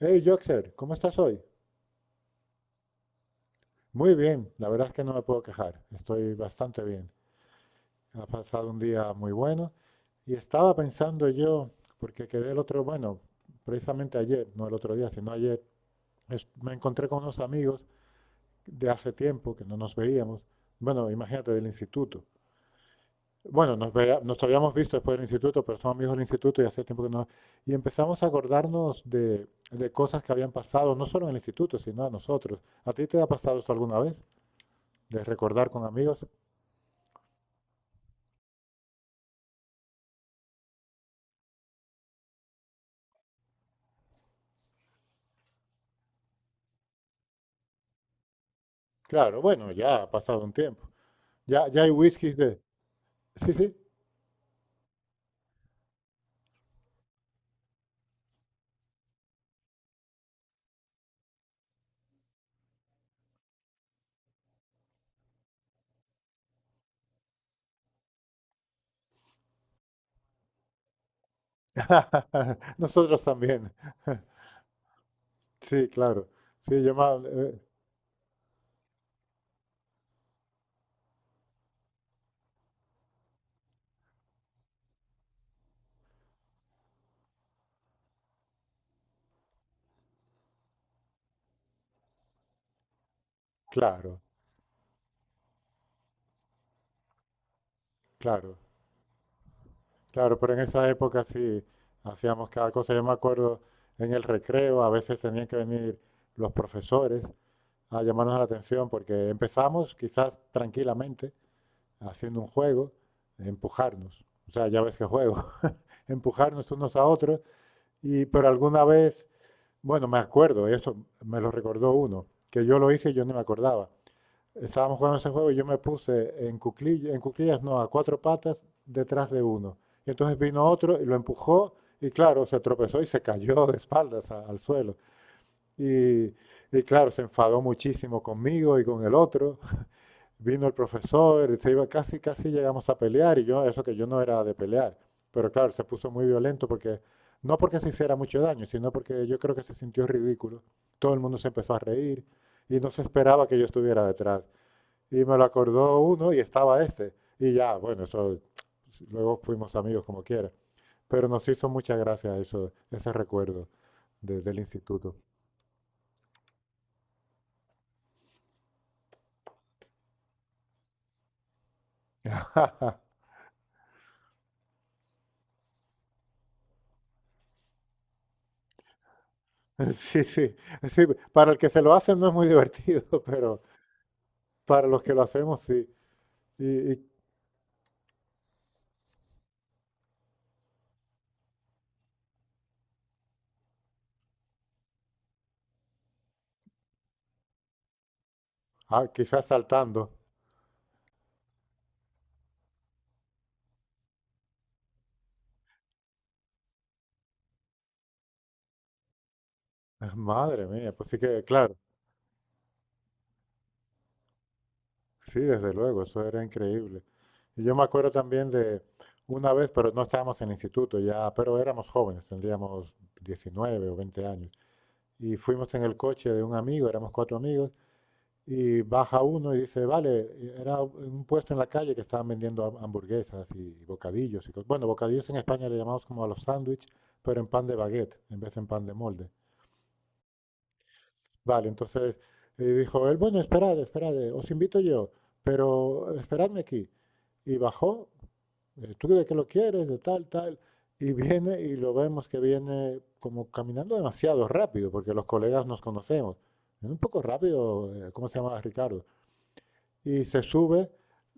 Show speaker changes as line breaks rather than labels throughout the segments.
Hey, Joxer, ¿cómo estás hoy? Muy bien, la verdad es que no me puedo quejar, estoy bastante bien. Ha pasado un día muy bueno y estaba pensando yo, porque quedé el otro, bueno, precisamente ayer, no el otro día, sino ayer, me encontré con unos amigos de hace tiempo que no nos veíamos, bueno, imagínate del instituto. Bueno, nos habíamos visto después del instituto, pero somos amigos del instituto y hace tiempo que no. Y empezamos a acordarnos de cosas que habían pasado, no solo en el instituto, sino a nosotros. ¿A ti te ha pasado esto alguna vez, de recordar con amigos? Claro, bueno, ya ha pasado un tiempo. Ya, ya hay whiskies de. Sí, sí. Nosotros también. Sí, claro. Sí, yo más. Claro, claro, claro. Pero en esa época sí hacíamos cada cosa. Yo me acuerdo en el recreo, a veces tenían que venir los profesores a llamarnos la atención porque empezamos quizás tranquilamente haciendo un juego, empujarnos. O sea, ya ves qué juego. Empujarnos unos a otros. Y pero alguna vez, bueno, me acuerdo, eso me lo recordó uno, que yo lo hice y yo no me acordaba. Estábamos jugando ese juego y yo me puse en cuclillas no, a cuatro patas detrás de uno. Y entonces vino otro y lo empujó y claro, se tropezó y se cayó de espaldas al suelo. Y, y claro, se enfadó muchísimo conmigo y con el otro. Vino el profesor, y se iba casi, casi llegamos a pelear y yo, eso que yo no era de pelear, pero claro, se puso muy violento porque, no porque se hiciera mucho daño, sino porque yo creo que se sintió ridículo. Todo el mundo se empezó a reír y no se esperaba que yo estuviera detrás. Y me lo acordó uno y estaba este. Y ya, bueno, eso, luego fuimos amigos como quiera. Pero nos hizo mucha gracia eso, ese recuerdo del instituto. Sí, sí, sí, para el que se lo hace no es muy divertido, pero, para los que lo hacemos, sí. Y, y, ah, quizás saltando. Madre mía, pues sí que, claro, sí, desde luego, eso era increíble. Y yo me acuerdo también de una vez, pero no estábamos en el instituto ya, pero éramos jóvenes, tendríamos 19 o 20 años. Y fuimos en el coche de un amigo, éramos cuatro amigos, y baja uno y dice, vale, era un puesto en la calle que estaban vendiendo hamburguesas y bocadillos. Y bueno, bocadillos en España le llamamos como a los sándwiches, pero en pan de baguette, en vez de en pan de molde. Vale, entonces dijo él, bueno, esperad, esperad, os invito yo, pero esperadme aquí. Y bajó, tú de que lo quieres, de tal, tal, y viene y lo vemos que viene como caminando demasiado rápido, porque los colegas nos conocemos. Un poco rápido, ¿cómo se llamaba, Ricardo? Y se sube,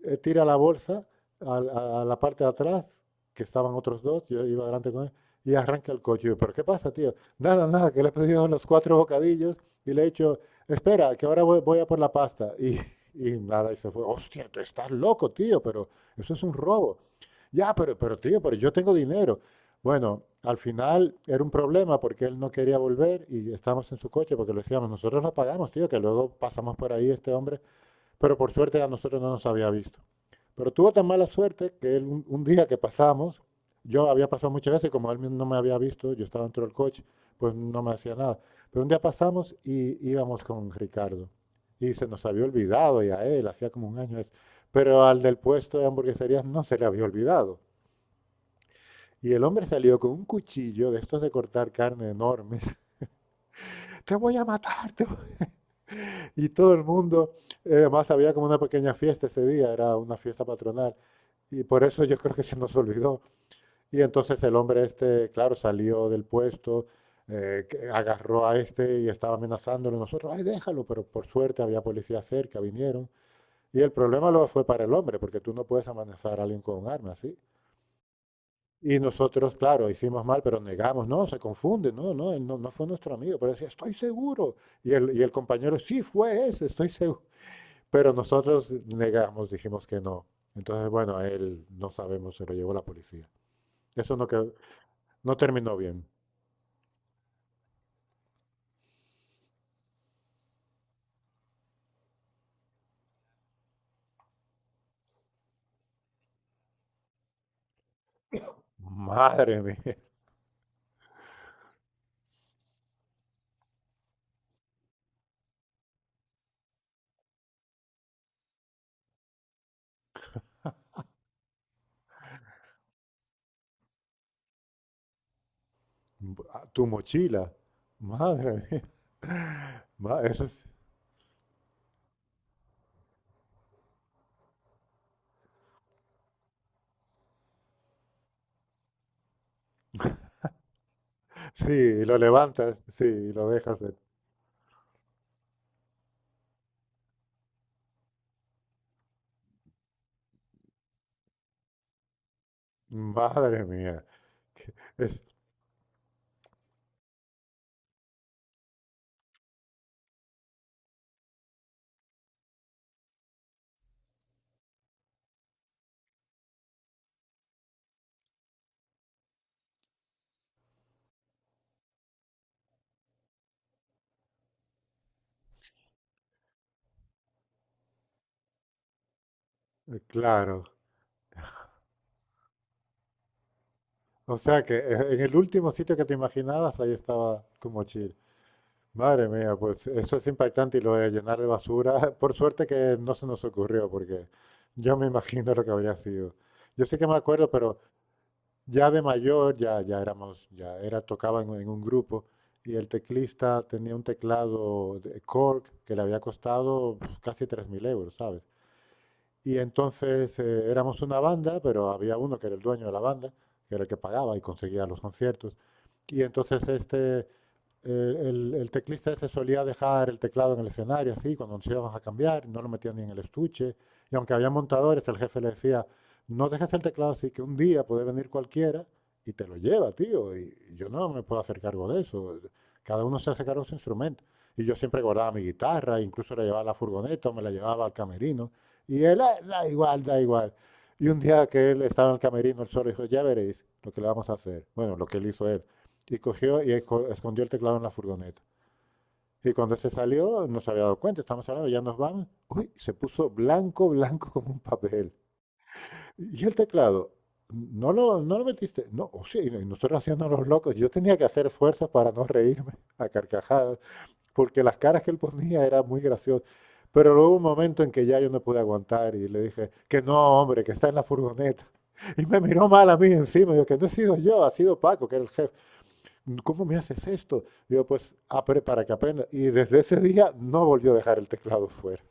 tira la bolsa a la parte de atrás, que estaban otros dos, yo iba adelante con él, y arranca el coche. Yo, ¿pero qué pasa, tío? Nada, nada, que le he pedido los cuatro bocadillos y le he dicho, espera, que ahora voy, a por la pasta. Y nada, y se fue. Hostia, tú estás loco, tío, pero eso es un robo. Ya, pero tío, pero yo tengo dinero. Bueno, al final era un problema porque él no quería volver y estábamos en su coche porque le decíamos, nosotros lo pagamos, tío, que luego pasamos por ahí este hombre, pero por suerte a nosotros no nos había visto. Pero tuvo tan mala suerte que él, un día que pasamos, yo había pasado muchas veces, como él no me había visto, yo estaba dentro del coche, pues no me hacía nada. Pero un día pasamos y íbamos con Ricardo. Y se nos había olvidado, y a él, hacía como un año eso. Pero al del puesto de hamburgueserías no se le había olvidado. Y el hombre salió con un cuchillo de estos de cortar carne enormes. Te voy a matar, te. Y todo el mundo, además había como una pequeña fiesta ese día, era una fiesta patronal. Y por eso yo creo que se nos olvidó. Y entonces el hombre este, claro, salió del puesto, que agarró a este y estaba amenazándolo. Nosotros, ay, déjalo, pero por suerte había policía cerca, vinieron. Y el problema luego fue para el hombre, porque tú no puedes amenazar a alguien con un arma, ¿sí? Y nosotros, claro, hicimos mal, pero negamos, no, se confunde, no, no, él no, no fue nuestro amigo, pero decía, estoy seguro. Y el compañero, sí, fue ese, estoy seguro. Pero nosotros negamos, dijimos que no. Entonces, bueno, a él no sabemos, se lo llevó la policía. Eso no, no terminó bien. Madre mía, tu mochila, madre mía. Ma- Eso es- sí, y lo levantas, sí, y lo dejas. Madre mía, es claro. O sea que en el último sitio que te imaginabas, ahí estaba tu mochila. Madre mía, pues eso es impactante y lo de llenar de basura. Por suerte que no se nos ocurrió, porque yo me imagino lo que habría sido. Yo sí que me acuerdo, pero ya de mayor, ya, ya éramos, ya era, tocaba en un grupo y el teclista tenía un teclado de Korg que le había costado casi 3.000 euros, ¿sabes? Y entonces éramos una banda, pero había uno que era el dueño de la banda, que era el que pagaba y conseguía los conciertos. Y entonces este eh, el teclista ese solía dejar el teclado en el escenario, así, cuando nos íbamos a cambiar, no lo metía ni en el estuche. Y aunque había montadores, el jefe le decía, no dejes el teclado así, que un día puede venir cualquiera y te lo lleva, tío. Y yo no me puedo hacer cargo de eso. Cada uno se hace cargo de su instrumento. Y yo siempre guardaba mi guitarra, incluso la llevaba a la furgoneta, o me la llevaba al camerino. Y él, "Ah, da igual, da igual." Y un día que él estaba en el camerino, él solo dijo, ya veréis lo que le vamos a hacer. Bueno, lo que él hizo él y cogió y escondió el teclado en la furgoneta. Y cuando se salió, no se había dado cuenta, estamos hablando, ya nos vamos. Uy, se puso blanco, blanco como un papel. Y el teclado, no lo metiste. No, o sí, y nosotros haciendo los locos. Yo tenía que hacer fuerzas para no reírme a carcajadas, porque las caras que él ponía eran muy graciosas. Pero luego hubo un momento en que ya yo no pude aguantar y le dije, que no, hombre, que está en la furgoneta. Y me miró mal a mí encima, yo que no he sido yo, ha sido Paco, que era el jefe. ¿Cómo me haces esto? Digo, pues, ah, pero para que aprenda. Y desde ese día no volvió a dejar el teclado fuera.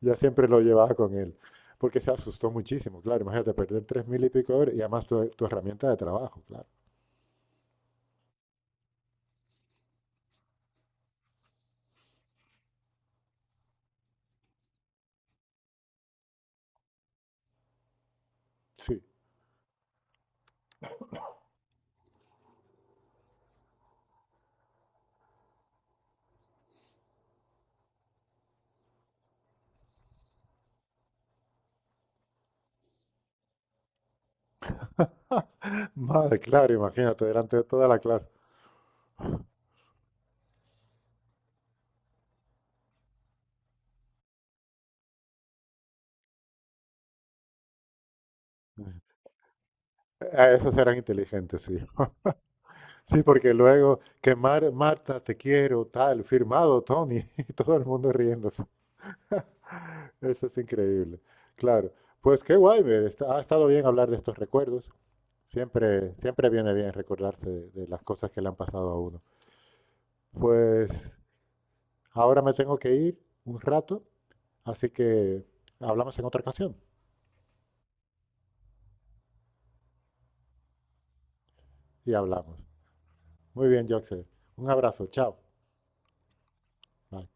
Ya siempre lo llevaba con él. Porque se asustó muchísimo, claro. Imagínate perder 3.000 y pico de horas y además tu herramienta de trabajo, claro. Sí. Madre, claro, imagínate, delante de toda la clase. A esos eran inteligentes, sí. Sí, porque luego que Marta, te quiero, tal, firmado Tony, y todo el mundo riéndose. Eso es increíble. Claro. Pues qué guay, ha estado bien hablar de estos recuerdos. Siempre, siempre viene bien recordarse de las cosas que le han pasado a uno. Pues ahora me tengo que ir un rato, así que hablamos en otra ocasión y hablamos. Muy bien, Joxer. Un abrazo, chao. Bye.